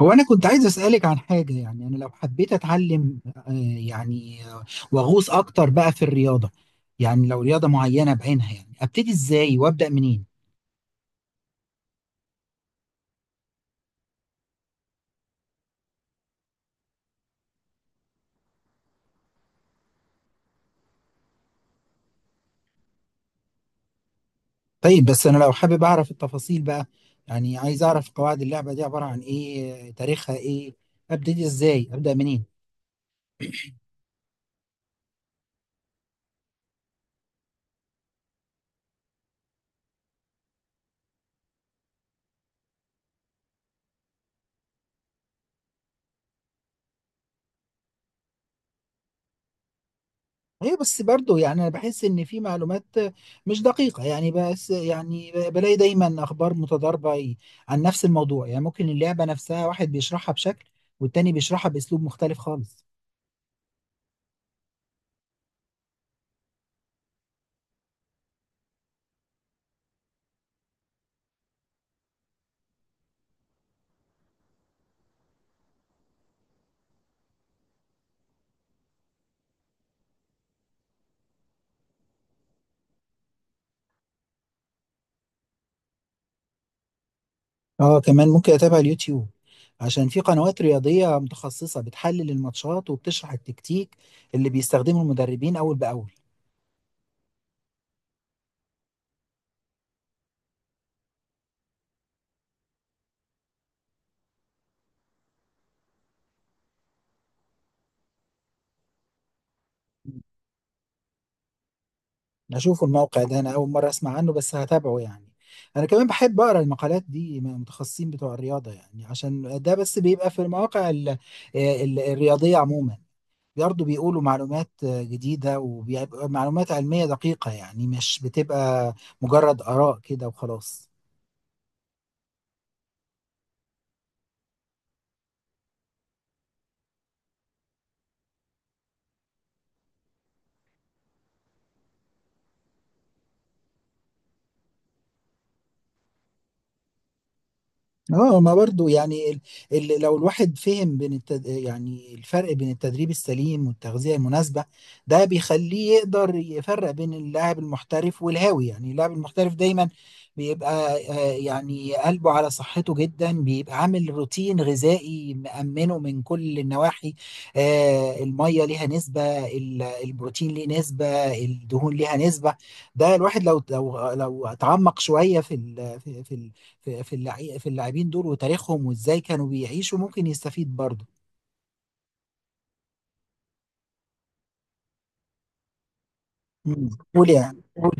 هو أنا كنت عايز أسألك عن حاجة. يعني أنا لو حبيت أتعلم يعني وأغوص أكتر بقى في الرياضة، يعني لو رياضة معينة بعينها، يعني أبتدي إزاي وأبدأ منين؟ طيب بس أنا لو حابب أعرف التفاصيل بقى، يعني عايز أعرف قواعد اللعبة دي عبارة عن إيه، تاريخها إيه، أبتدي إزاي أبدأ منين؟ ايوه بس برضه يعني انا بحس ان في معلومات مش دقيقه، يعني بس يعني بلاقي دايما اخبار متضاربه عن نفس الموضوع. يعني ممكن اللعبه نفسها واحد بيشرحها بشكل والتاني بيشرحها باسلوب مختلف خالص. اه، كمان ممكن اتابع اليوتيوب عشان في قنوات رياضيه متخصصه بتحلل الماتشات وبتشرح التكتيك اللي بيستخدمه المدربين اول باول. اشوفه الموقع ده، انا اول مره اسمع عنه بس هتابعه. يعني انا كمان بحب اقرا المقالات دي من المتخصصين بتوع الرياضه، يعني عشان ده بس بيبقى في المواقع ال الرياضيه عموما، برضه بيقولوا معلومات جديده ومعلومات علميه دقيقه، يعني مش بتبقى مجرد اراء كده وخلاص. اه، ما برضو يعني لو الواحد فهم يعني الفرق بين التدريب السليم والتغذية المناسبة، ده بيخليه يقدر يفرق بين اللاعب المحترف والهاوي. يعني اللاعب المحترف دايما بيبقى يعني قلبه على صحته جدا، بيبقى عامل روتين غذائي مأمنه من كل النواحي. المية ليها نسبة، البروتين ليه نسبة، الدهون ليها نسبة. ده الواحد لو اتعمق شوية في ال... في في في في في اللاعبين دول وتاريخهم وازاي كانوا بيعيشوا ممكن يستفيد برضه. مم. قول، يعني قول.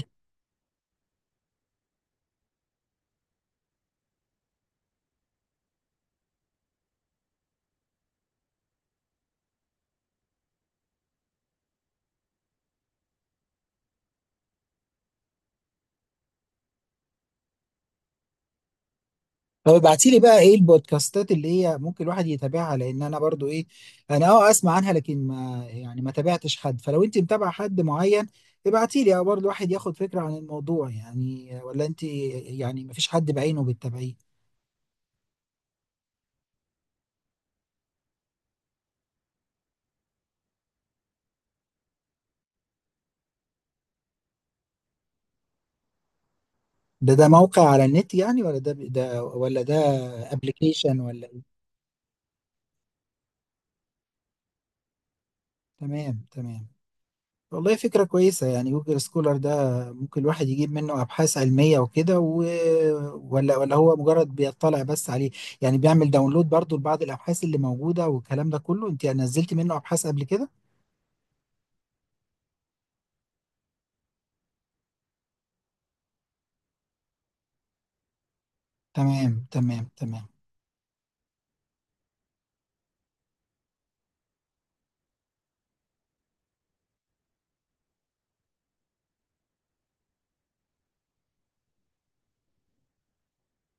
طب ابعتي لي بقى ايه البودكاستات اللي هي ممكن الواحد يتابعها؟ لان انا برضو ايه، انا اه اسمع عنها لكن ما يعني ما تابعتش حد. فلو انت متابعه حد معين ابعتي لي، اه برضه الواحد ياخد فكره عن الموضوع. يعني ولا انت يعني ما فيش حد بعينه بتتابعيه؟ ده موقع على النت يعني ولا ده ابلكيشن ولا إيه؟ تمام، تمام. والله فكرة كويسة يعني جوجل سكولر ده، ممكن الواحد يجيب منه أبحاث علمية وكده ولا هو مجرد بيطلع بس عليه؟ يعني بيعمل داونلود برضو لبعض الأبحاث اللي موجودة والكلام ده كله؟ أنت نزلت منه أبحاث قبل كده؟ تمام، تمام.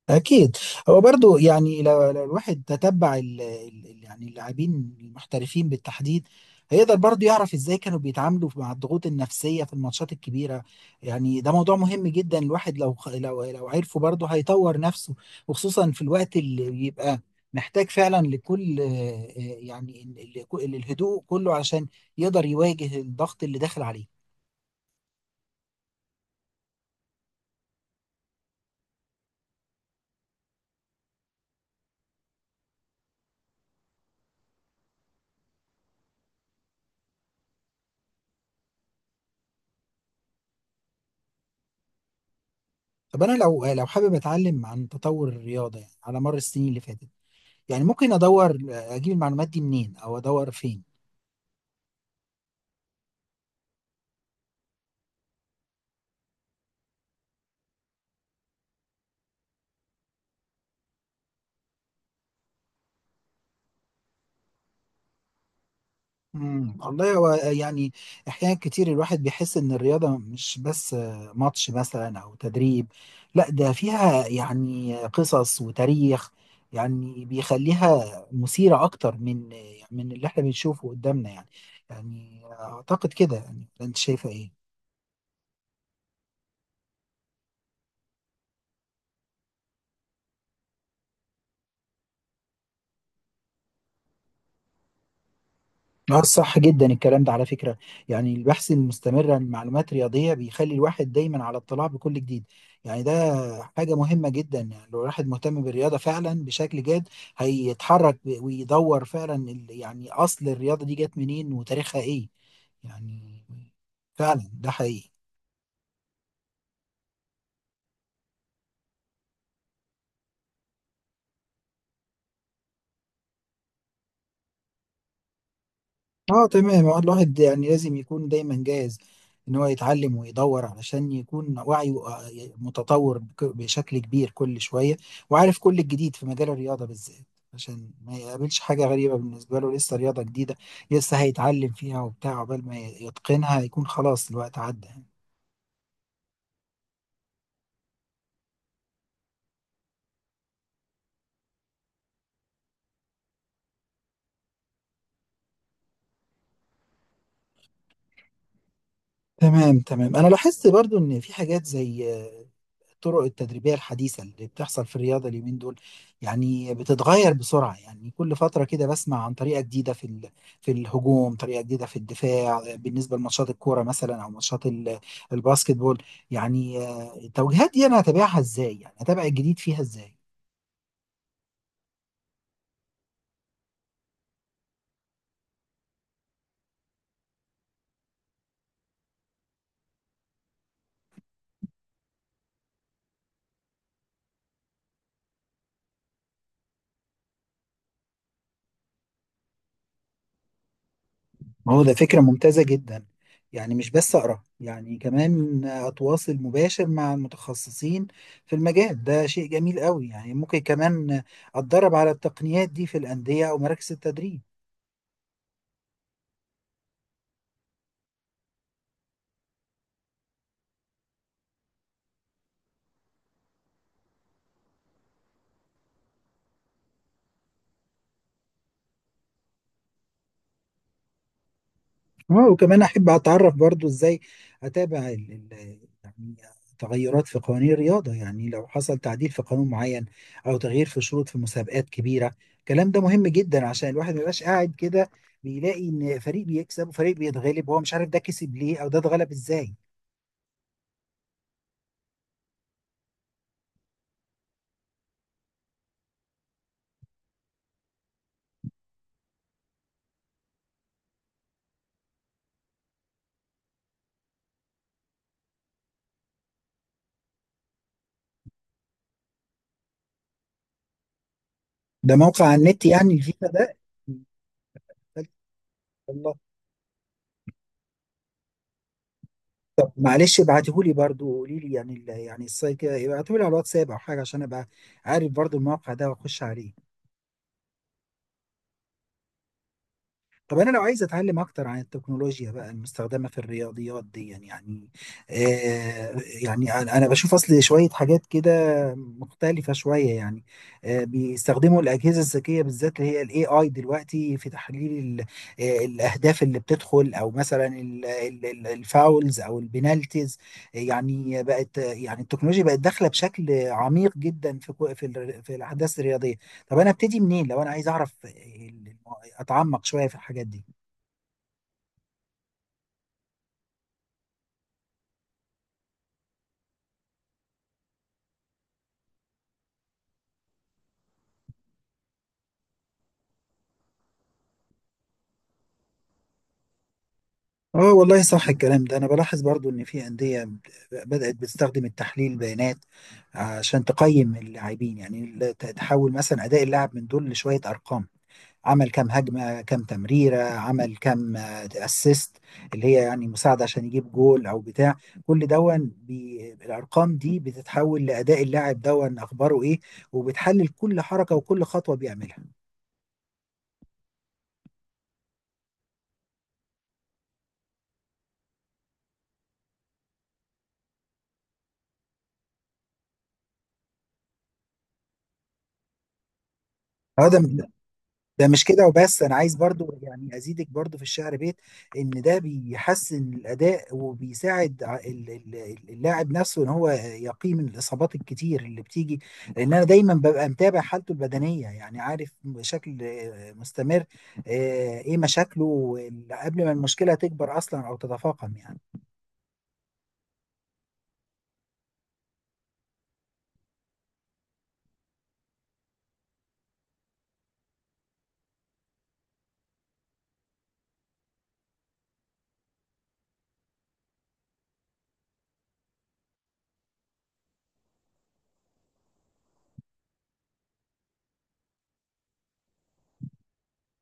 أكيد. هو برضو يعني لو الواحد تتبع ال يعني اللاعبين المحترفين بالتحديد، هيقدر برضو يعرف إزاي كانوا بيتعاملوا مع الضغوط النفسية في الماتشات الكبيرة. يعني ده موضوع مهم جدا، الواحد لو لو عرفه برضو هيطور نفسه، وخصوصا في الوقت اللي بيبقى محتاج فعلا لكل يعني الهدوء كله عشان يقدر يواجه الضغط اللي داخل عليه. طب أنا لو حابب أتعلم عن تطور الرياضة يعني على مر السنين اللي فاتت، يعني ممكن ادور اجيب المعلومات دي منين او ادور فين؟ امم، والله هو يعني احيانا كتير الواحد بيحس ان الرياضه مش بس ماتش مثلا او تدريب، لا ده فيها يعني قصص وتاريخ، يعني بيخليها مثيره اكتر من اللي احنا بنشوفه قدامنا. يعني، يعني اعتقد كده. يعني انت شايفه ايه؟ اه، صح جدا الكلام ده على فكرة. يعني البحث المستمر عن معلومات رياضية بيخلي الواحد دايما على اطلاع بكل جديد. يعني ده حاجة مهمة جدا، يعني لو الواحد مهتم بالرياضة فعلا بشكل جاد هيتحرك ويدور فعلا يعني أصل الرياضة دي جت منين وتاريخها إيه. يعني فعلا ده حقيقي. اه، تمام. هو الواحد يعني لازم يكون دايما جاهز ان هو يتعلم ويدور علشان يكون وعيه متطور بشكل كبير كل شوية، وعارف كل الجديد في مجال الرياضة بالذات، عشان ما يقابلش حاجة غريبة بالنسبة له. لسه رياضة جديدة لسه هيتعلم فيها وبتاع، عقبال ما يتقنها يكون خلاص الوقت عدى يعني. تمام، تمام. انا لاحظت برضو ان في حاجات زي الطرق التدريبية الحديثة اللي بتحصل في الرياضة اليومين دول، يعني بتتغير بسرعة. يعني كل فترة كده بسمع عن طريقة جديدة في في الهجوم، طريقة جديدة في الدفاع بالنسبة لماتشات الكورة مثلا أو ماتشات الباسكت بول. يعني التوجيهات دي أنا هتابعها إزاي؟ يعني هتابع الجديد فيها إزاي؟ ما هو ده فكرة ممتازة جدا. يعني مش بس أقرأ، يعني كمان أتواصل مباشر مع المتخصصين في المجال ده شيء جميل قوي. يعني ممكن كمان أتدرب على التقنيات دي في الأندية أو مراكز التدريب. اه، وكمان احب اتعرف برضو ازاي اتابع يعني تغيرات في قوانين الرياضه. يعني لو حصل تعديل في قانون معين او تغيير في شروط في مسابقات كبيره، الكلام ده مهم جدا عشان الواحد ما يبقاش قاعد كده بيلاقي ان فريق بيكسب وفريق بيتغلب وهو مش عارف ده كسب ليه او ده اتغلب ازاي. ده موقع على النت يعني الفيفا ده؟ الله. معلش ابعتهولي برضو وقولي لي يعني يعني السايت كده ابعتهولي على الواتساب او حاجه عشان ابقى عارف برضو الموقع ده واخش عليه. طب انا لو عايز اتعلم اكتر عن التكنولوجيا بقى المستخدمه في الرياضيات دي، يعني آه، يعني أنا بشوف اصل شويه حاجات كده مختلفه شويه. يعني آه، بيستخدموا الاجهزه الذكيه بالذات اللي هي الاي اي دلوقتي في تحليل الاهداف اللي بتدخل، او مثلا الفاولز او البنالتيز. يعني بقت، يعني التكنولوجيا بقت داخله بشكل عميق جدا في في الاحداث الرياضيه. طب انا ابتدي منين لو انا عايز اعرف اتعمق شويه في الحاجات دي؟ اه، والله صح الكلام ده. انا بلاحظ برضو ان في انديه بدات بتستخدم التحليل البيانات عشان تقيم اللاعبين. يعني تحول مثلا اداء اللاعب من دول لشويه ارقام، عمل كام هجمه، كام تمريره، عمل كام اسيست اللي هي يعني مساعده عشان يجيب جول او بتاع. كل دون الارقام دي بتتحول لاداء اللاعب دون اخباره ايه، وبتحلل كل حركه وكل خطوه بيعملها. هذا، ده مش كده وبس. انا عايز برضو يعني ازيدك برضو في الشعر بيت ان ده بيحسن الاداء وبيساعد اللاعب نفسه ان هو يقي من الاصابات الكتير اللي بتيجي، لان انا دايما ببقى متابع حالته البدنيه، يعني عارف بشكل مستمر ايه مشاكله قبل ما المشكله تكبر اصلا او تتفاقم يعني.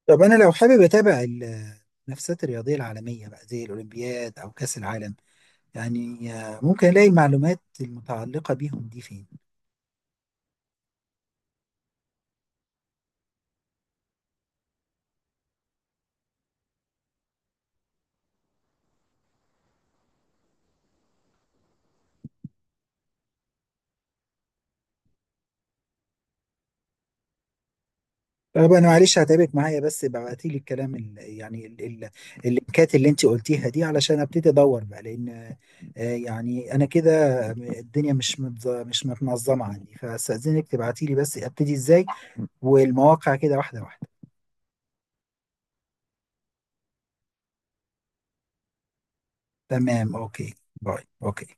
طب انا لو حابب اتابع المنافسات الرياضيه العالميه بقى زي الاولمبياد او كاس العالم، يعني ممكن الاقي المعلومات المتعلقه بيهم دي فين؟ طب انا معلش هتعبك معايا بس ابعتي لي الكلام ال يعني ال ال اللينكات اللي انت قلتيها دي علشان ابتدي ادور بقى. لان يعني انا كده الدنيا مش متنظمه عندي، فاستاذنك تبعتي لي بس ابتدي ازاي، والمواقع كده واحده واحده. تمام، اوكي. باي، اوكي.